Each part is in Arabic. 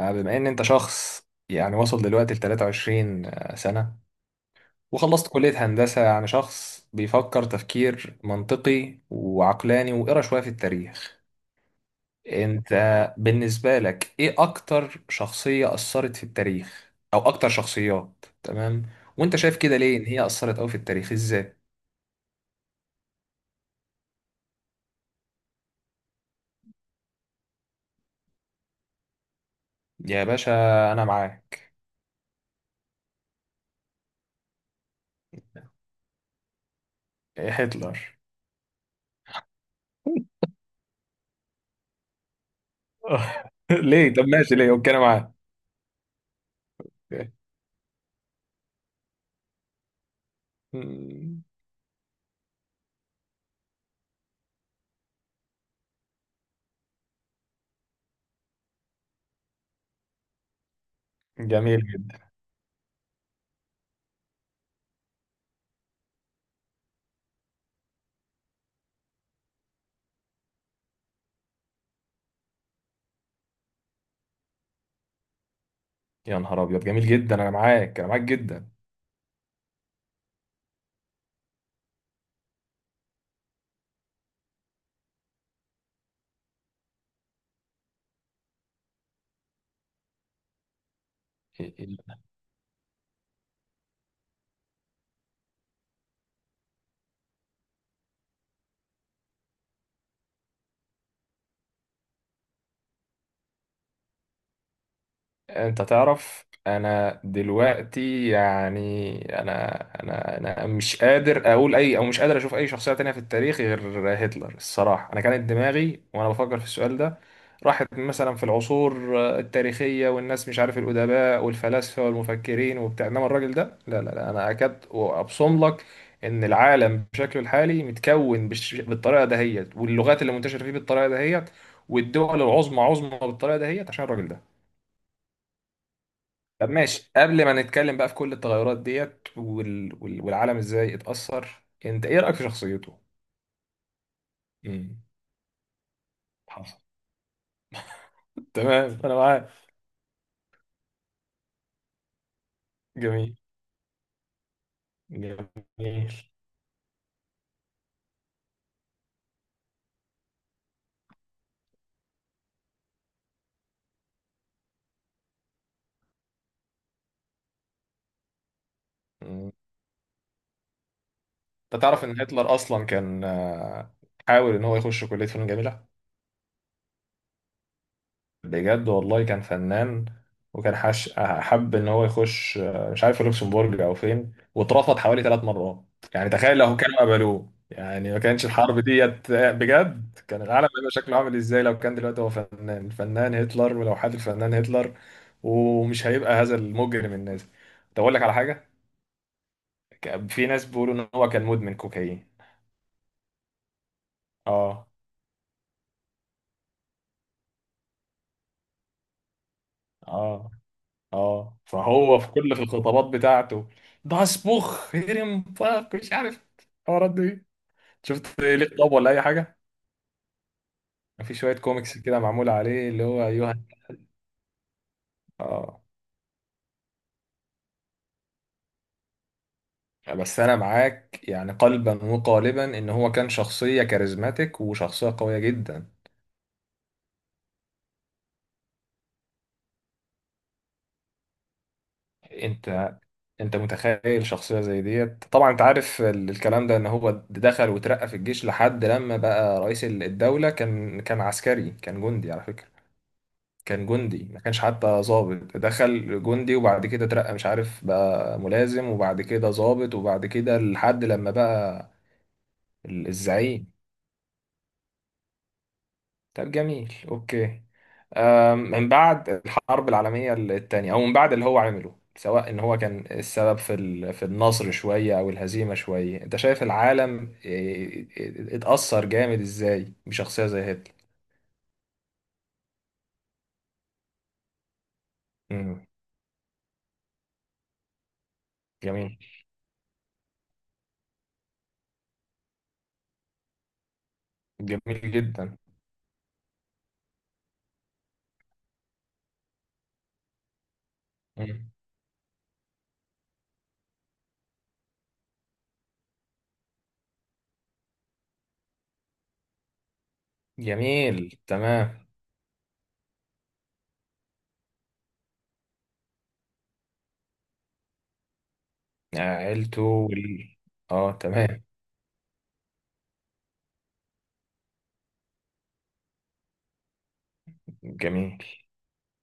بما ان انت شخص يعني وصل دلوقتي ل 23 سنة، وخلصت كلية هندسة، يعني شخص بيفكر تفكير منطقي وعقلاني وقرا شوية في التاريخ. انت بالنسبة لك ايه اكتر شخصية اثرت في التاريخ او اكتر شخصيات؟ تمام. وانت شايف كده ليه ان هي اثرت قوي في التاريخ ازاي؟ يا باشا، انا معاك. إيه، هتلر؟ ليه؟ طب ماشي ليه، اوكي انا معاك. جميل. يا نهار ابيض، جميل جدا، انا معاك، انا معاك جدا. انت تعرف، انا دلوقتي يعني انا انا مش قادر اقول اي او مش قادر اشوف اي شخصية تانية في التاريخ غير هتلر الصراحة. انا كانت دماغي وانا بفكر في السؤال ده راحت مثلا في العصور التاريخية والناس مش عارف الأدباء والفلاسفة والمفكرين وبتاع، انما الراجل ده لا لا لا، انا اكاد وابصم لك ان العالم بشكله الحالي متكون بالطريقة دهيت، واللغات اللي منتشرة فيه بالطريقة دهيت، والدول العظمى عظمى بالطريقة دهيت عشان الراجل ده. طب ماشي، قبل ما نتكلم بقى في كل التغيرات ديت والعالم ازاي اتأثر، انت ايه رأيك في شخصيته؟ امم حصل. تمام، انا معاك. جميل. جميل. مم. انت تعرف ان هتلر اصلا كان، حاول ان هو يخش كلية فنون جميلة. بجد والله كان فنان. وكان حب ان هو يخش، مش عارف، لوكسمبورج او فين، واترفض حوالي 3 مرات. يعني تخيل لو كانوا قبلوه، يعني ما كانش الحرب ديت بجد. كان العالم هيبقى شكله عامل ازاي لو كان دلوقتي هو فنان، الفنان هتلر، ولوحات الفنان هتلر، ومش هيبقى هذا المجرم النازي. طب اقول لك على حاجه. في ناس بيقولوا ان هو كان مدمن كوكايين. اه. اه. اه، فهو في الخطابات بتاعته ده اصبخ هرم فخ مش عارف، الحوارات دي. شفت ليه خطاب ولا اي حاجه؟ في شويه كوميكس كده معمول عليه، اللي هو ايوه. اه، بس انا معاك يعني قلبا وقالبا ان هو كان شخصيه كاريزماتيك وشخصيه قويه جدا. انت انت متخيل شخصيه زي ديت؟ طبعا انت عارف الكلام ده، ان هو دخل وترقى في الجيش لحد لما بقى رئيس الدوله. كان عسكري، كان جندي على فكره. كان جندي، ما كانش حتى ظابط، دخل جندي وبعد كده اترقى مش عارف بقى ملازم، وبعد كده ظابط، وبعد كده لحد لما بقى الزعيم. طب جميل، اوكي. من بعد الحرب العالمية الثانية، او من بعد اللي هو عمله، سواء ان هو كان السبب في النصر شوية او الهزيمة شوية، انت شايف العالم إيه، إيه، اتأثر جامد ازاي بشخصية زي هتلر؟ مم، جميل. جميل جدا. مم، جميل. تمام. عيلته اه تمام. جميل.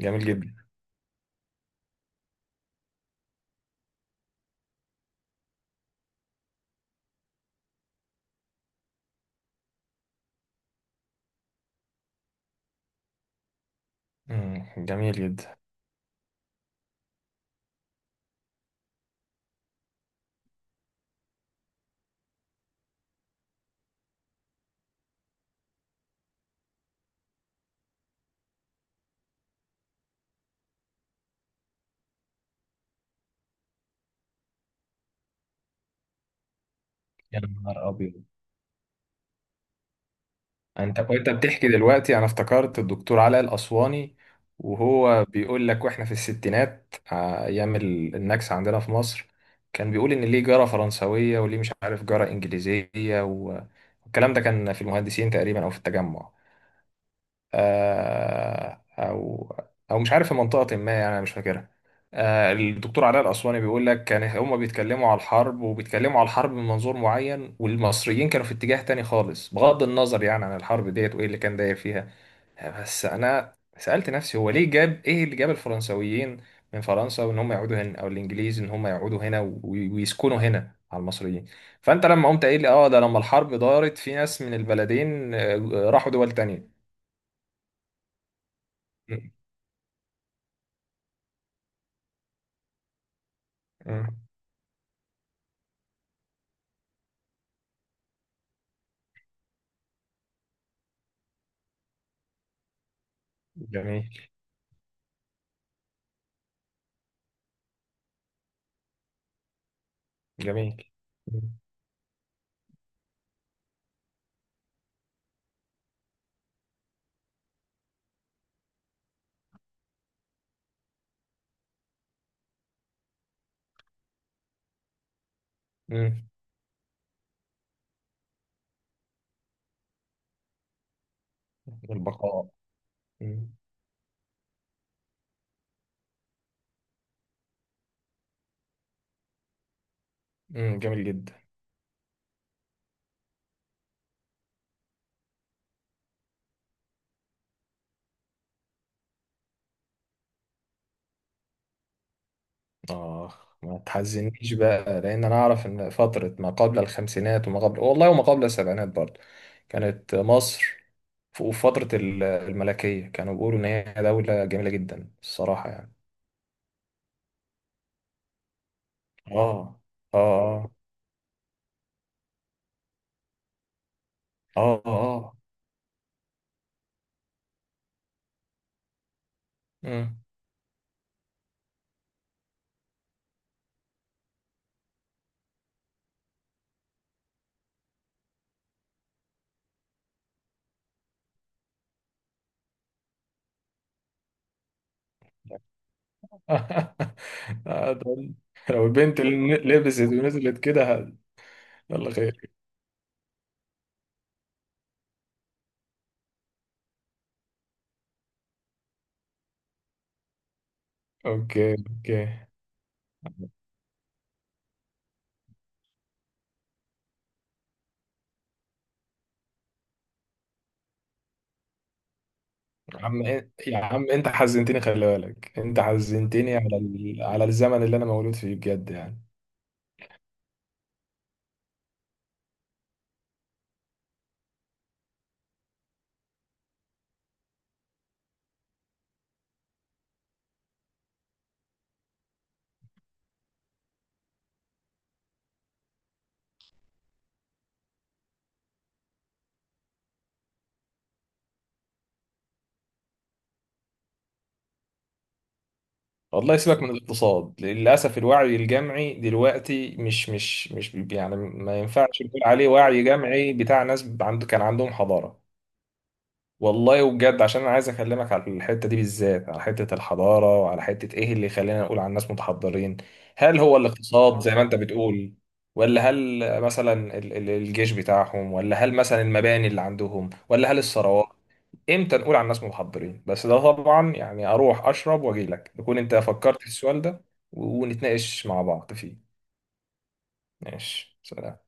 جميل جدا. مم. جميل جدا. يا نهار ابيض. انت وانت بتحكي دلوقتي انا افتكرت الدكتور علاء الاسواني، وهو بيقول لك واحنا في الستينات، ايام النكسه عندنا في مصر. كان بيقول ان ليه جاره فرنسويه، وليه مش عارف جاره انجليزيه، و- والكلام ده كان في المهندسين تقريبا او في التجمع، آه، او او مش عارف في منطقه ما، يعني انا مش فاكرها. الدكتور علاء الاسواني بيقول لك كان هم بيتكلموا على الحرب، وبيتكلموا على الحرب من منظور معين، والمصريين كانوا في اتجاه تاني خالص، بغض النظر يعني عن الحرب ديت وايه اللي كان داير فيها. بس انا سالت نفسي، هو ليه جاب، ايه اللي جاب الفرنسويين من فرنسا وان هم يقعدوا هنا، او الانجليز ان هم يقعدوا هنا ويسكنوا هنا على المصريين؟ فانت لما قمت قايل لي اه، ده لما الحرب دارت في ناس من البلدين، راحوا دول تانية. جميل. جميل. امم. البقاء. امم. أمم، جميل جدا. آه، ما تحزنيش بقى، لأن أنا أعرف إن فترة ما قبل الخمسينات وما قبل والله وما قبل السبعينات برضه كانت مصر، في فترة الملكية، كانوا بيقولوا إن هي دولة جميلة جدا الصراحة يعني. آه. آه. آه. آه. آه. أمم. آه، ده- لو البنت اللي لبست ونزلت كده يلا خير. أوكي. أوكي. يا عم إيه، يا عم انت حزنتني، خلي بالك انت حزنتني على على الزمن اللي انا مولود فيه بجد يعني. والله سيبك من الاقتصاد، للاسف الوعي الجمعي دلوقتي مش يعني ما ينفعش نقول عليه وعي جمعي بتاع ناس عنده، كان عندهم حضارة. والله وبجد، عشان انا عايز اكلمك على الحته دي بالذات، على حته الحضاره، وعلى حته ايه اللي يخلينا نقول على الناس متحضرين. هل هو الاقتصاد زي ما انت بتقول؟ ولا هل مثلا الجيش بتاعهم؟ ولا هل مثلا المباني اللي عندهم؟ ولا هل الثروات؟ امتى نقول على الناس متحضرين؟ بس ده طبعا يعني اروح اشرب واجي لك تكون انت فكرت في السؤال ده ونتناقش مع بعض فيه. ماشي، سلام.